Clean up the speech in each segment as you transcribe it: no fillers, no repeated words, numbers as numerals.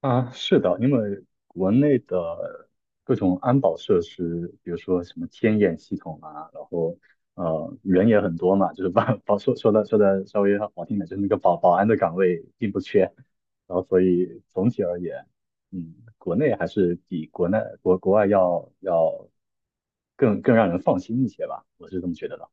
啊，是的，因为国内的各种安保设施，比如说什么天眼系统啊，然后人也很多嘛，就是保说的稍微好听点，就是那个保安的岗位并不缺，然后所以总体而言，嗯，国内还是比国内国国外要更让人放心一些吧，我是这么觉得的。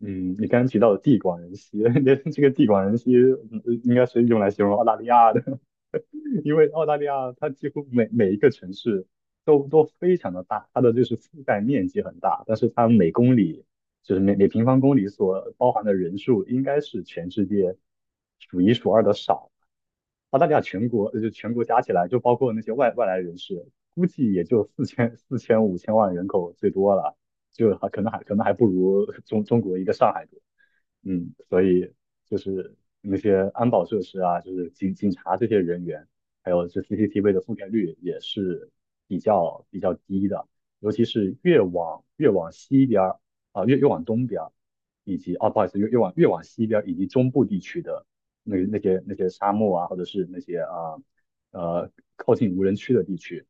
嗯，你刚刚提到的地广人稀，这个地广人稀应该是用来形容澳大利亚的。因为澳大利亚它几乎每一个城市都非常的大，它的就是覆盖面积很大，但是它每公里就是每平方公里所包含的人数应该是全世界数一数二的少。澳大利亚全国加起来，就包括那些外来人士，估计也就四千四千五千万人口最多了，就还可能还不如中国一个上海多。嗯，所以就是那些安保设施啊，就是警察这些人员，还有这 CCTV 的覆盖率也是比较低的，尤其是越往西边儿啊、越往东边儿，以及啊，不好意思，越往西边儿以及中部地区的那些沙漠啊，或者是那些啊呃靠近无人区的地区，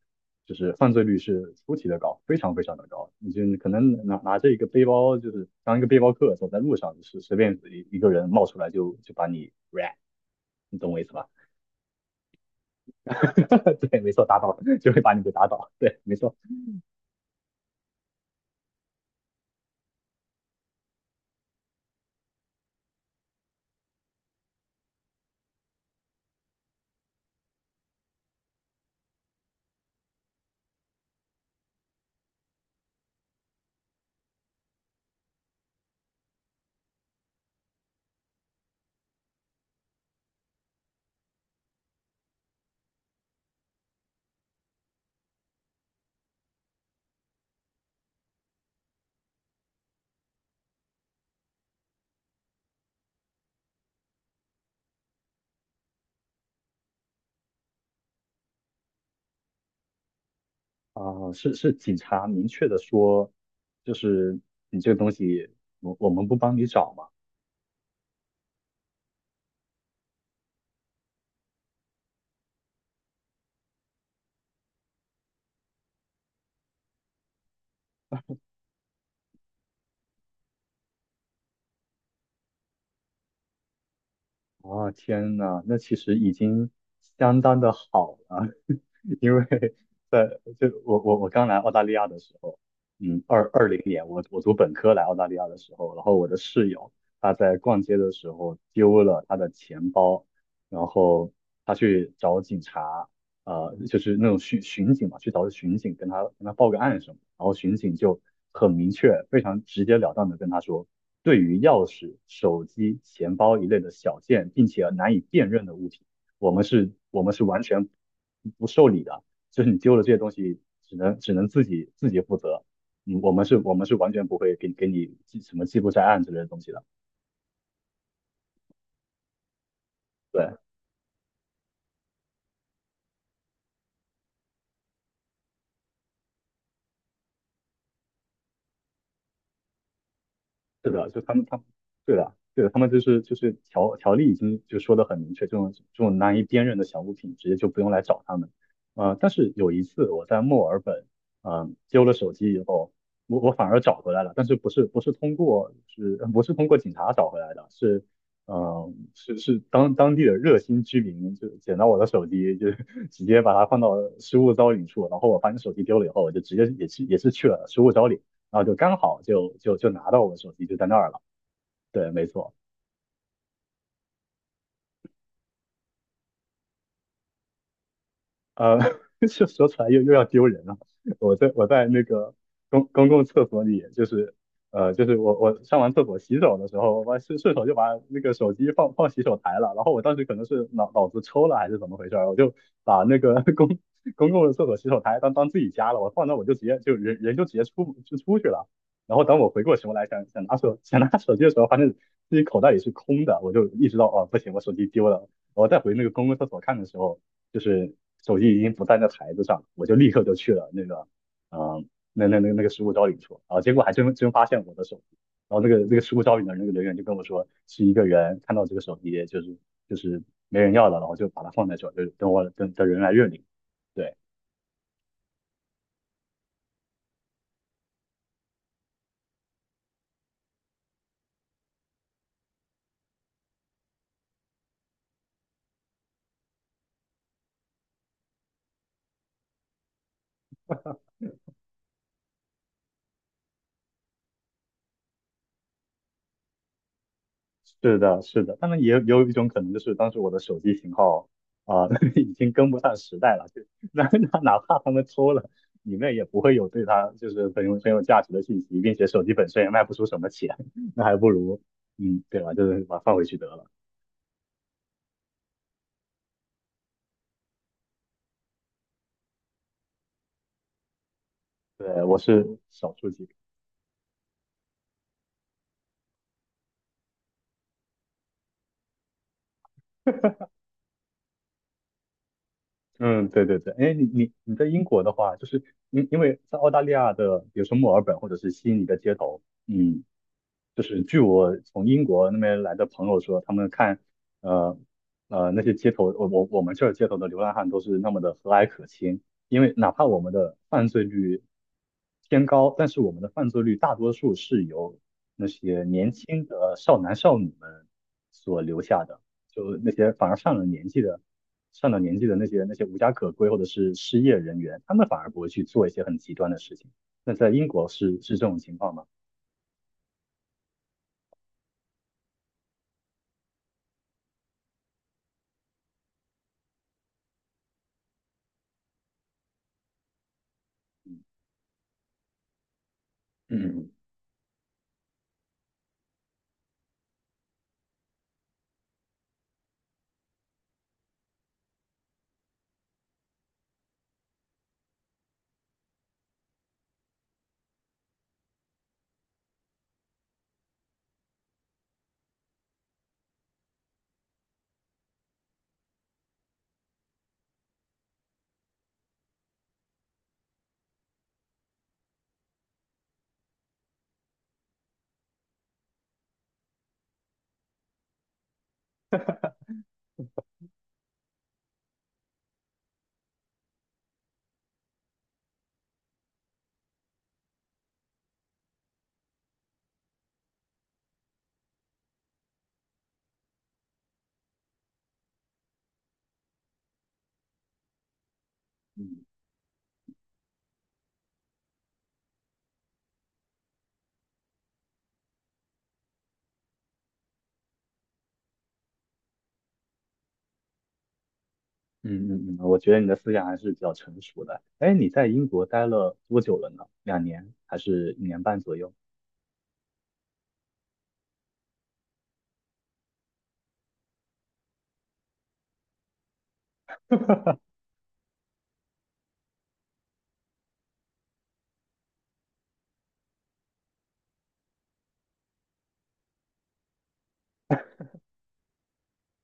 就是犯罪率是出奇的高，非常非常的高。你就可能拿着一个背包，就是当一个背包客走在路上，就是随便一个人冒出来就把你 rap,你懂我意思吧？对，没错，打倒就会把你给打倒。对，没错。警察明确的说，就是你这个东西，我们不帮你找嘛。啊、天呐，那其实已经相当的好了。因为在我刚来澳大利亚的时候，嗯，二零年我读本科来澳大利亚的时候，然后我的室友他在逛街的时候丢了他的钱包，然后他去找警察，呃，就是那种巡警嘛，去找巡警跟他报个案什么，然后巡警就很明确、非常直截了当的跟他说，对于钥匙、手机、钱包一类的小件，并且难以辨认的物品。我们是完全不受理的，就是你丢了这些东西，只能自己负责。嗯，我们是完全不会给你记什么记录在案之类的东西的。对。是的，就他们对的，对的，他们就是条例已经就说的很明确，这种难以辨认的小物品直接就不用来找他们。呃，但是有一次我在墨尔本，丢了手机以后，我反而找回来了，但是不是通过警察找回来的，是是当地的热心居民就捡到我的手机，就 直接把它放到失物招领处，然后我发现手机丢了以后，我就直接也是去了失物招领。然后就刚好就拿到我的手机就在那儿了。对，没错。呃，就说出来又要丢人了。我在那个公共厕所里，就是我上完厕所洗手的时候，我顺手就把那个手机放洗手台了。然后我当时可能是脑子抽了还是怎么回事儿，我就把那个 公共的厕所洗手台当自己家了。我放那我就直接就人人就直接出去了。然后等我回过神过来想拿手机的时候，发现自己口袋里是空的，我就意识到哦不行，我手机丢了。我再回那个公共厕所看的时候，就是手机已经不在那台子上了，我就立刻就去了那个，那个失物招领处，然后结果还真发现我的手机，然后那个失物招领的那个人员就跟我说，是一个人看到这个手机就是就是没人要了，然后就把它放在这儿，就等我等等人来认领。对，是的，是的，当然也有一种可能，就是当时我的手机型号啊、已经跟不上时代了，就哪怕他们抽了，里面也不会有对它就是很有价值的信息，并且手机本身也卖不出什么钱，那还不如嗯，对吧？就是把它放回去得了。对，我是少数几个。嗯，对对对，哎，你在英国的话，就是因为在澳大利亚的，比如说墨尔本或者是悉尼的街头，嗯，就是据我从英国那边来的朋友说，他们看，呃那些街头，我们这儿街头的流浪汉都是那么的和蔼可亲，因为哪怕我们的犯罪率偏高，但是我们的犯罪率大多数是由那些年轻的少男少女们所留下的，就那些反而上了年纪的。上了年纪的那些无家可归或者是失业人员，他们反而不会去做一些很极端的事情。那在英国是这种情况吗？嗯。嗯嗯嗯，我觉得你的思想还是比较成熟的。哎，你在英国待了多久了呢？2年还是1年半左右？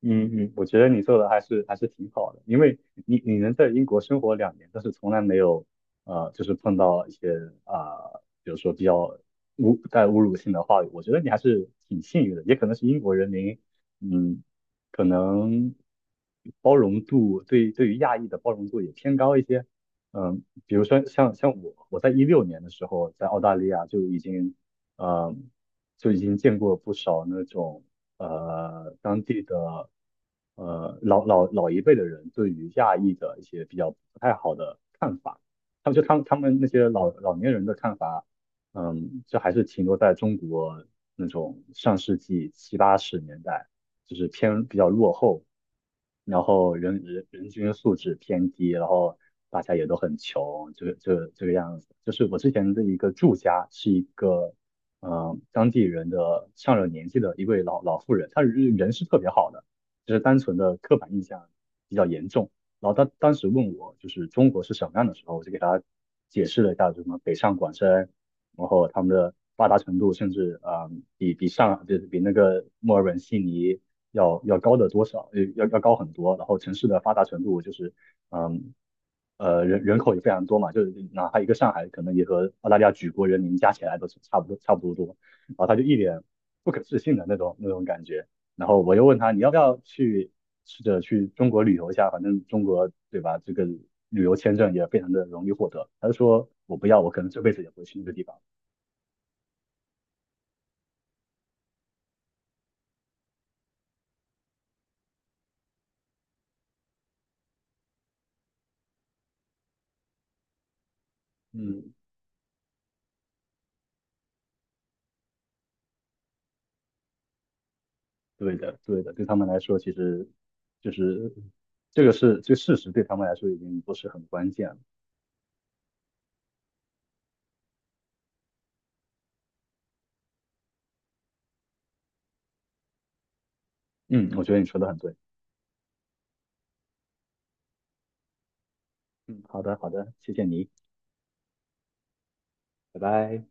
嗯嗯，我觉得你做的还是挺好的，因为你能在英国生活2年，但是从来没有就是碰到一些比如说比较侮辱性的话语，我觉得你还是挺幸运的，也可能是英国人民，嗯，可能包容度对于亚裔的包容度也偏高一些，嗯，比如说像我在2016年的时候在澳大利亚就已经呃见过不少那种，呃当地的老一辈的人对于亚裔的一些比较不太好的看法，他们就他们他们那些老年人的看法，嗯，就还是停留在中国那种上世纪70、80年代，就是偏比较落后，然后人均素质偏低，然后大家也都很穷，这个样子。就是我之前的一个住家是一个当地人的上了年纪的一位老妇人，她人是特别好的，就是单纯的刻板印象比较严重。然后她当时问我就是中国是什么样的时候，我就给她解释了一下什么北上广深，然后他们的发达程度甚至比比上就是比那个墨尔本、悉尼要高的多少，呃要高很多。然后城市的发达程度就是嗯，人口也非常多嘛，就是哪怕一个上海，可能也和澳大利亚举国人民加起来都是差不多。然后他就一脸不可置信的那种感觉。然后我又问他，你要不要去试着去中国旅游一下？反正中国对吧，这个旅游签证也非常的容易获得。他就说我不要，我可能这辈子也不会去那个地方。嗯，对的，对的，对他们来说，其实就是这个事实，对他们来说已经不是很关键了。嗯，我觉得你说的很对。嗯，好的，好的，谢谢你，拜拜。